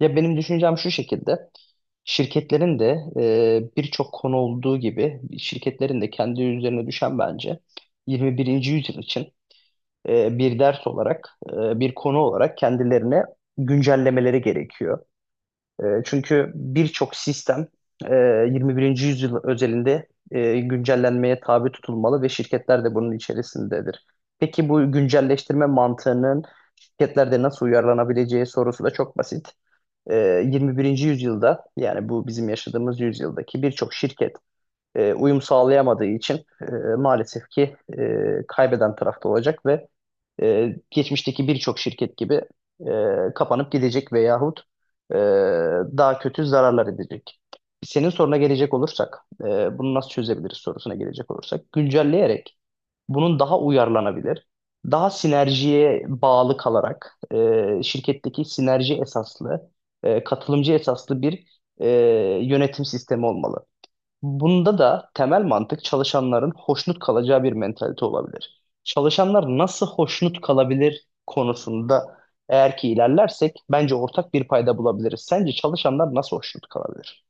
Ya benim düşüncem şu şekilde. Şirketlerin de birçok konu olduğu gibi şirketlerin de kendi üzerine düşen bence 21. yüzyıl için bir ders olarak, bir konu olarak kendilerine güncellemeleri gerekiyor. Çünkü birçok sistem 21. yüzyıl özelinde güncellenmeye tabi tutulmalı ve şirketler de bunun içerisindedir. Peki bu güncelleştirme mantığının şirketlerde nasıl uyarlanabileceği sorusu da çok basit 21. yüzyılda yani bu bizim yaşadığımız yüzyıldaki birçok şirket uyum sağlayamadığı için e, maalesef ki kaybeden tarafta olacak ve geçmişteki birçok şirket gibi kapanıp gidecek veyahut e, daha kötü zararlar edecek. Senin soruna gelecek olursak, bunu nasıl çözebiliriz sorusuna gelecek olursak, güncelleyerek bunun daha uyarlanabilir, daha sinerjiye bağlı kalarak şirketteki sinerji esaslı, katılımcı esaslı bir e, yönetim sistemi olmalı. Bunda da temel mantık çalışanların hoşnut kalacağı bir mentalite olabilir. Çalışanlar nasıl hoşnut kalabilir konusunda eğer ki ilerlersek bence ortak bir payda bulabiliriz. Sence çalışanlar nasıl hoşnut kalabilir?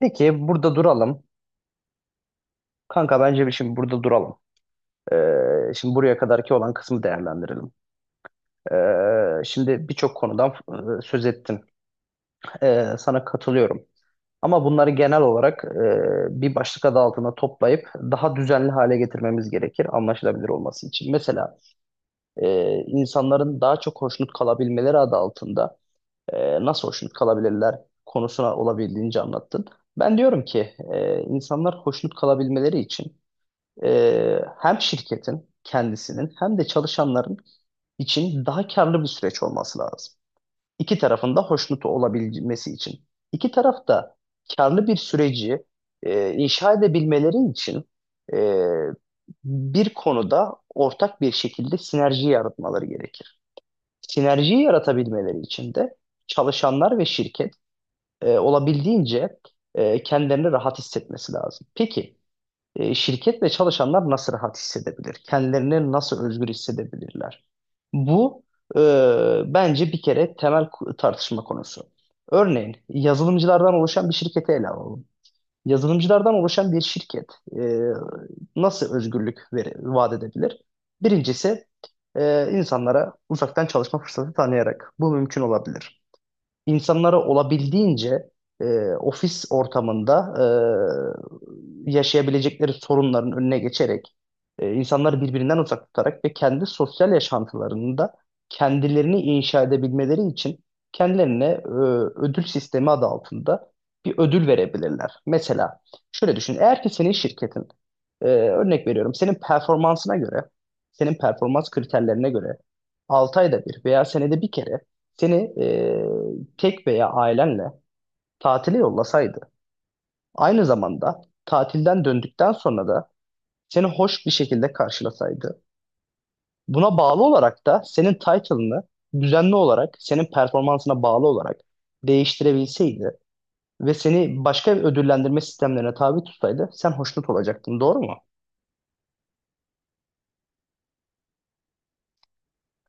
Peki burada duralım. Kanka bence bir şimdi burada duralım. Şimdi buraya kadarki olan kısmı değerlendirelim. Şimdi birçok konudan söz ettin. Sana katılıyorum. Ama bunları genel olarak bir başlık adı altında toplayıp daha düzenli hale getirmemiz gerekir anlaşılabilir olması için. Mesela insanların daha çok hoşnut kalabilmeleri adı altında nasıl hoşnut kalabilirler konusuna olabildiğince anlattın. Ben diyorum ki insanlar hoşnut kalabilmeleri için hem şirketin kendisinin hem de çalışanların için daha karlı bir süreç olması lazım. İki tarafın da hoşnut olabilmesi için. İki taraf da karlı bir süreci inşa edebilmeleri için e, bir konuda ortak bir şekilde sinerji yaratmaları gerekir. Sinerjiyi yaratabilmeleri için de çalışanlar ve şirket olabildiğince kendilerini rahat hissetmesi lazım. Peki şirket ve çalışanlar nasıl rahat hissedebilir? Kendilerini nasıl özgür hissedebilirler? Bu bence bir kere temel tartışma konusu. Örneğin yazılımcılardan oluşan bir şirketi ele alalım. Yazılımcılardan oluşan bir şirket e, nasıl özgürlük vaat edebilir? Birincisi insanlara uzaktan çalışma fırsatı tanıyarak bu mümkün olabilir. İnsanlara olabildiğince e, ofis ortamında yaşayabilecekleri sorunların önüne geçerek insanları birbirinden uzak tutarak ve kendi sosyal yaşantılarında kendilerini inşa edebilmeleri için kendilerine ödül sistemi adı altında bir ödül verebilirler. Mesela şöyle düşün, eğer ki senin şirketin örnek veriyorum. Senin performansına göre, senin performans kriterlerine göre 6 ayda bir veya senede bir kere seni tek veya ailenle tatile yollasaydı, aynı zamanda tatilden döndükten sonra da seni hoş bir şekilde karşılasaydı, buna bağlı olarak da senin title'ını düzenli olarak, senin performansına bağlı olarak değiştirebilseydi ve seni başka bir ödüllendirme sistemlerine tabi tutsaydı sen hoşnut olacaktın, doğru mu?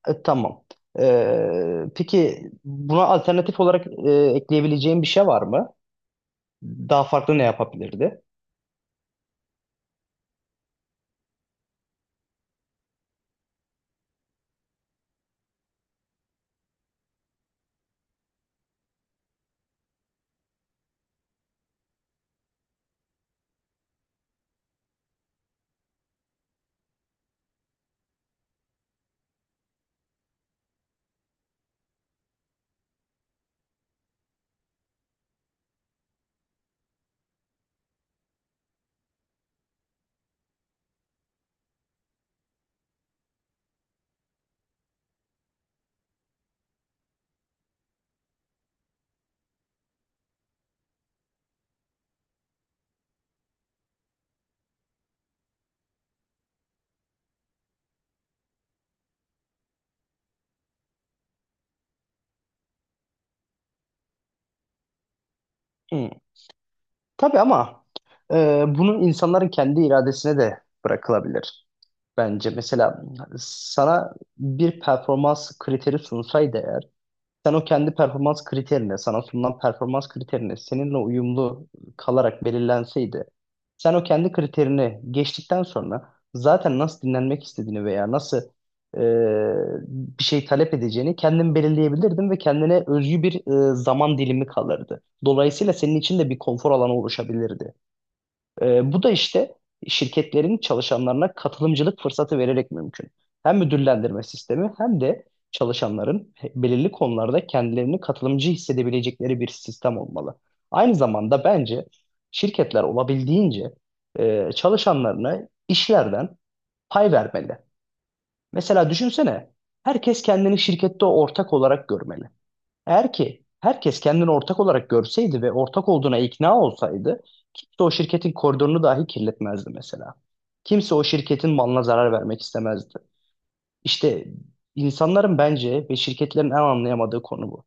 Tamam. Peki buna alternatif olarak ekleyebileceğin bir şey var mı? Daha farklı ne yapabilirdi? Hmm. Tabii ama bunun insanların kendi iradesine de bırakılabilir bence. Mesela sana bir performans kriteri sunsaydı eğer sen o kendi performans kriterine, sana sunulan performans kriterine seninle uyumlu kalarak belirlenseydi, sen o kendi kriterini geçtikten sonra zaten nasıl dinlenmek istediğini veya nasıl e, bir şey talep edeceğini kendin belirleyebilirdin ve kendine özgü bir zaman dilimi kalırdı. Dolayısıyla senin için de bir konfor alanı oluşabilirdi. Bu da işte şirketlerin çalışanlarına katılımcılık fırsatı vererek mümkün. Hem müdürlendirme sistemi hem de çalışanların belirli konularda kendilerini katılımcı hissedebilecekleri bir sistem olmalı. Aynı zamanda bence şirketler olabildiğince çalışanlarına işlerden pay vermeli. Mesela düşünsene, herkes kendini şirkette ortak olarak görmeli. Eğer ki herkes kendini ortak olarak görseydi ve ortak olduğuna ikna olsaydı kimse o şirketin koridorunu dahi kirletmezdi mesela. Kimse o şirketin malına zarar vermek istemezdi. İşte insanların bence ve şirketlerin en anlayamadığı konu bu.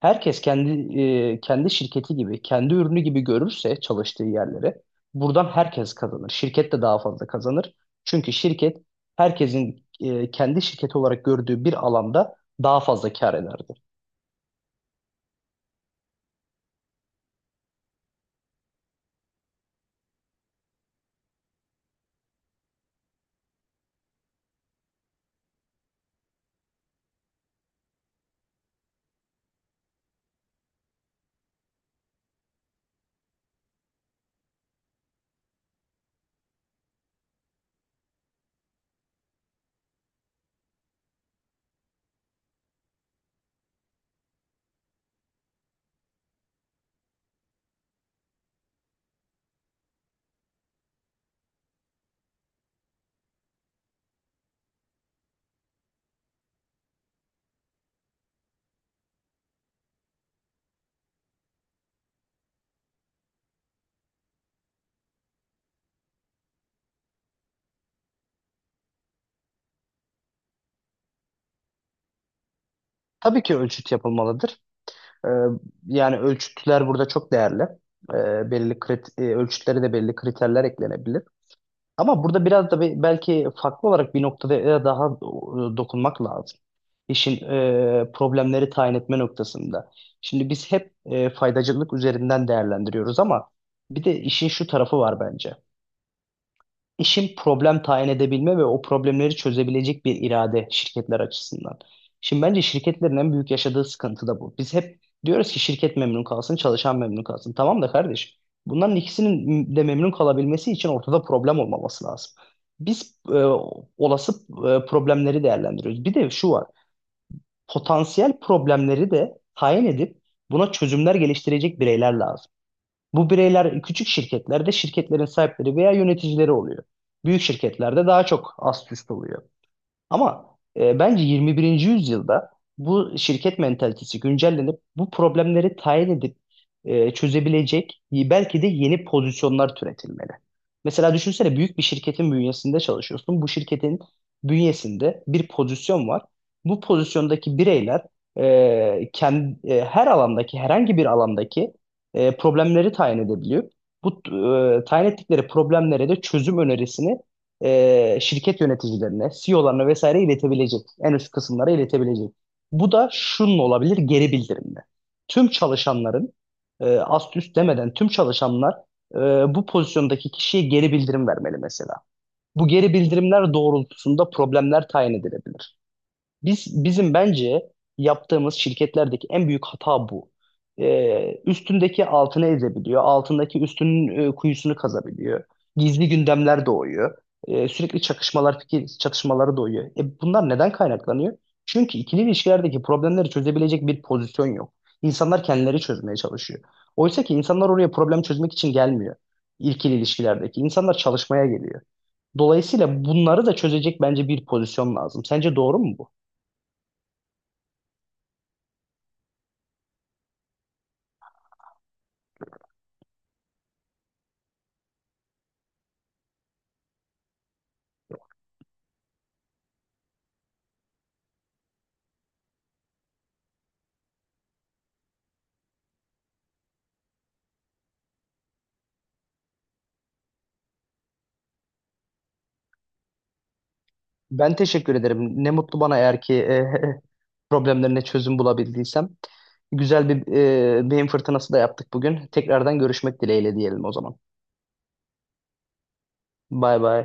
Herkes kendi şirketi gibi, kendi ürünü gibi görürse çalıştığı yerleri buradan herkes kazanır. Şirket de daha fazla kazanır. Çünkü şirket herkesin kendi şirketi olarak gördüğü bir alanda daha fazla kar eder. Tabii ki ölçüt yapılmalıdır. Ee, yani ölçütler burada çok değerli. Belli ölçütlere de belli kriterler eklenebilir. Ama burada biraz da belki farklı olarak bir noktada daha dokunmak lazım. İşin problemleri tayin etme noktasında. Şimdi biz hep faydacılık üzerinden değerlendiriyoruz ama bir de işin şu tarafı var bence. İşin problem tayin edebilme ve o problemleri çözebilecek bir irade şirketler açısından. Şimdi bence şirketlerin en büyük yaşadığı sıkıntı da bu. Biz hep diyoruz ki şirket memnun kalsın, çalışan memnun kalsın. Tamam da kardeş, bunların ikisinin de memnun kalabilmesi için ortada problem olmaması lazım. Biz olası problemleri değerlendiriyoruz. Bir de şu var, potansiyel problemleri de tayin edip buna çözümler geliştirecek bireyler lazım. Bu bireyler küçük şirketlerde şirketlerin sahipleri veya yöneticileri oluyor. Büyük şirketlerde daha çok ast üst oluyor. Ama bence 21. yüzyılda bu şirket mentalitesi güncellenip bu problemleri tayin edip çözebilecek belki de yeni pozisyonlar türetilmeli. Mesela düşünsene büyük bir şirketin bünyesinde çalışıyorsun. Bu şirketin bünyesinde bir pozisyon var. Bu pozisyondaki bireyler e, her alandaki herhangi bir alandaki problemleri tayin edebiliyor. Bu tayin ettikleri problemlere de çözüm önerisini şirket yöneticilerine, CEO'larına vesaire iletebilecek. En üst kısımlara iletebilecek. Bu da şunun olabilir geri bildirimle. Tüm çalışanların ast üst demeden tüm çalışanlar e, bu pozisyondaki kişiye geri bildirim vermeli mesela. Bu geri bildirimler doğrultusunda problemler tayin edilebilir. Bizim bence yaptığımız şirketlerdeki en büyük hata bu. Üstündeki altını ezebiliyor, altındaki üstünün kuyusunu kazabiliyor. Gizli gündemler doğuyor. Sürekli çakışmalar, fikir çatışmaları doğuyor. Bunlar neden kaynaklanıyor? Çünkü ikili ilişkilerdeki problemleri çözebilecek bir pozisyon yok. İnsanlar kendileri çözmeye çalışıyor. Oysa ki insanlar oraya problem çözmek için gelmiyor. İkili ilişkilerdeki insanlar çalışmaya geliyor. Dolayısıyla bunları da çözecek bence bir pozisyon lazım. Sence doğru mu bu? Ben teşekkür ederim. Ne mutlu bana eğer ki problemlerine çözüm bulabildiysem. Güzel bir beyin fırtınası da yaptık bugün. Tekrardan görüşmek dileğiyle diyelim o zaman. Bay bay.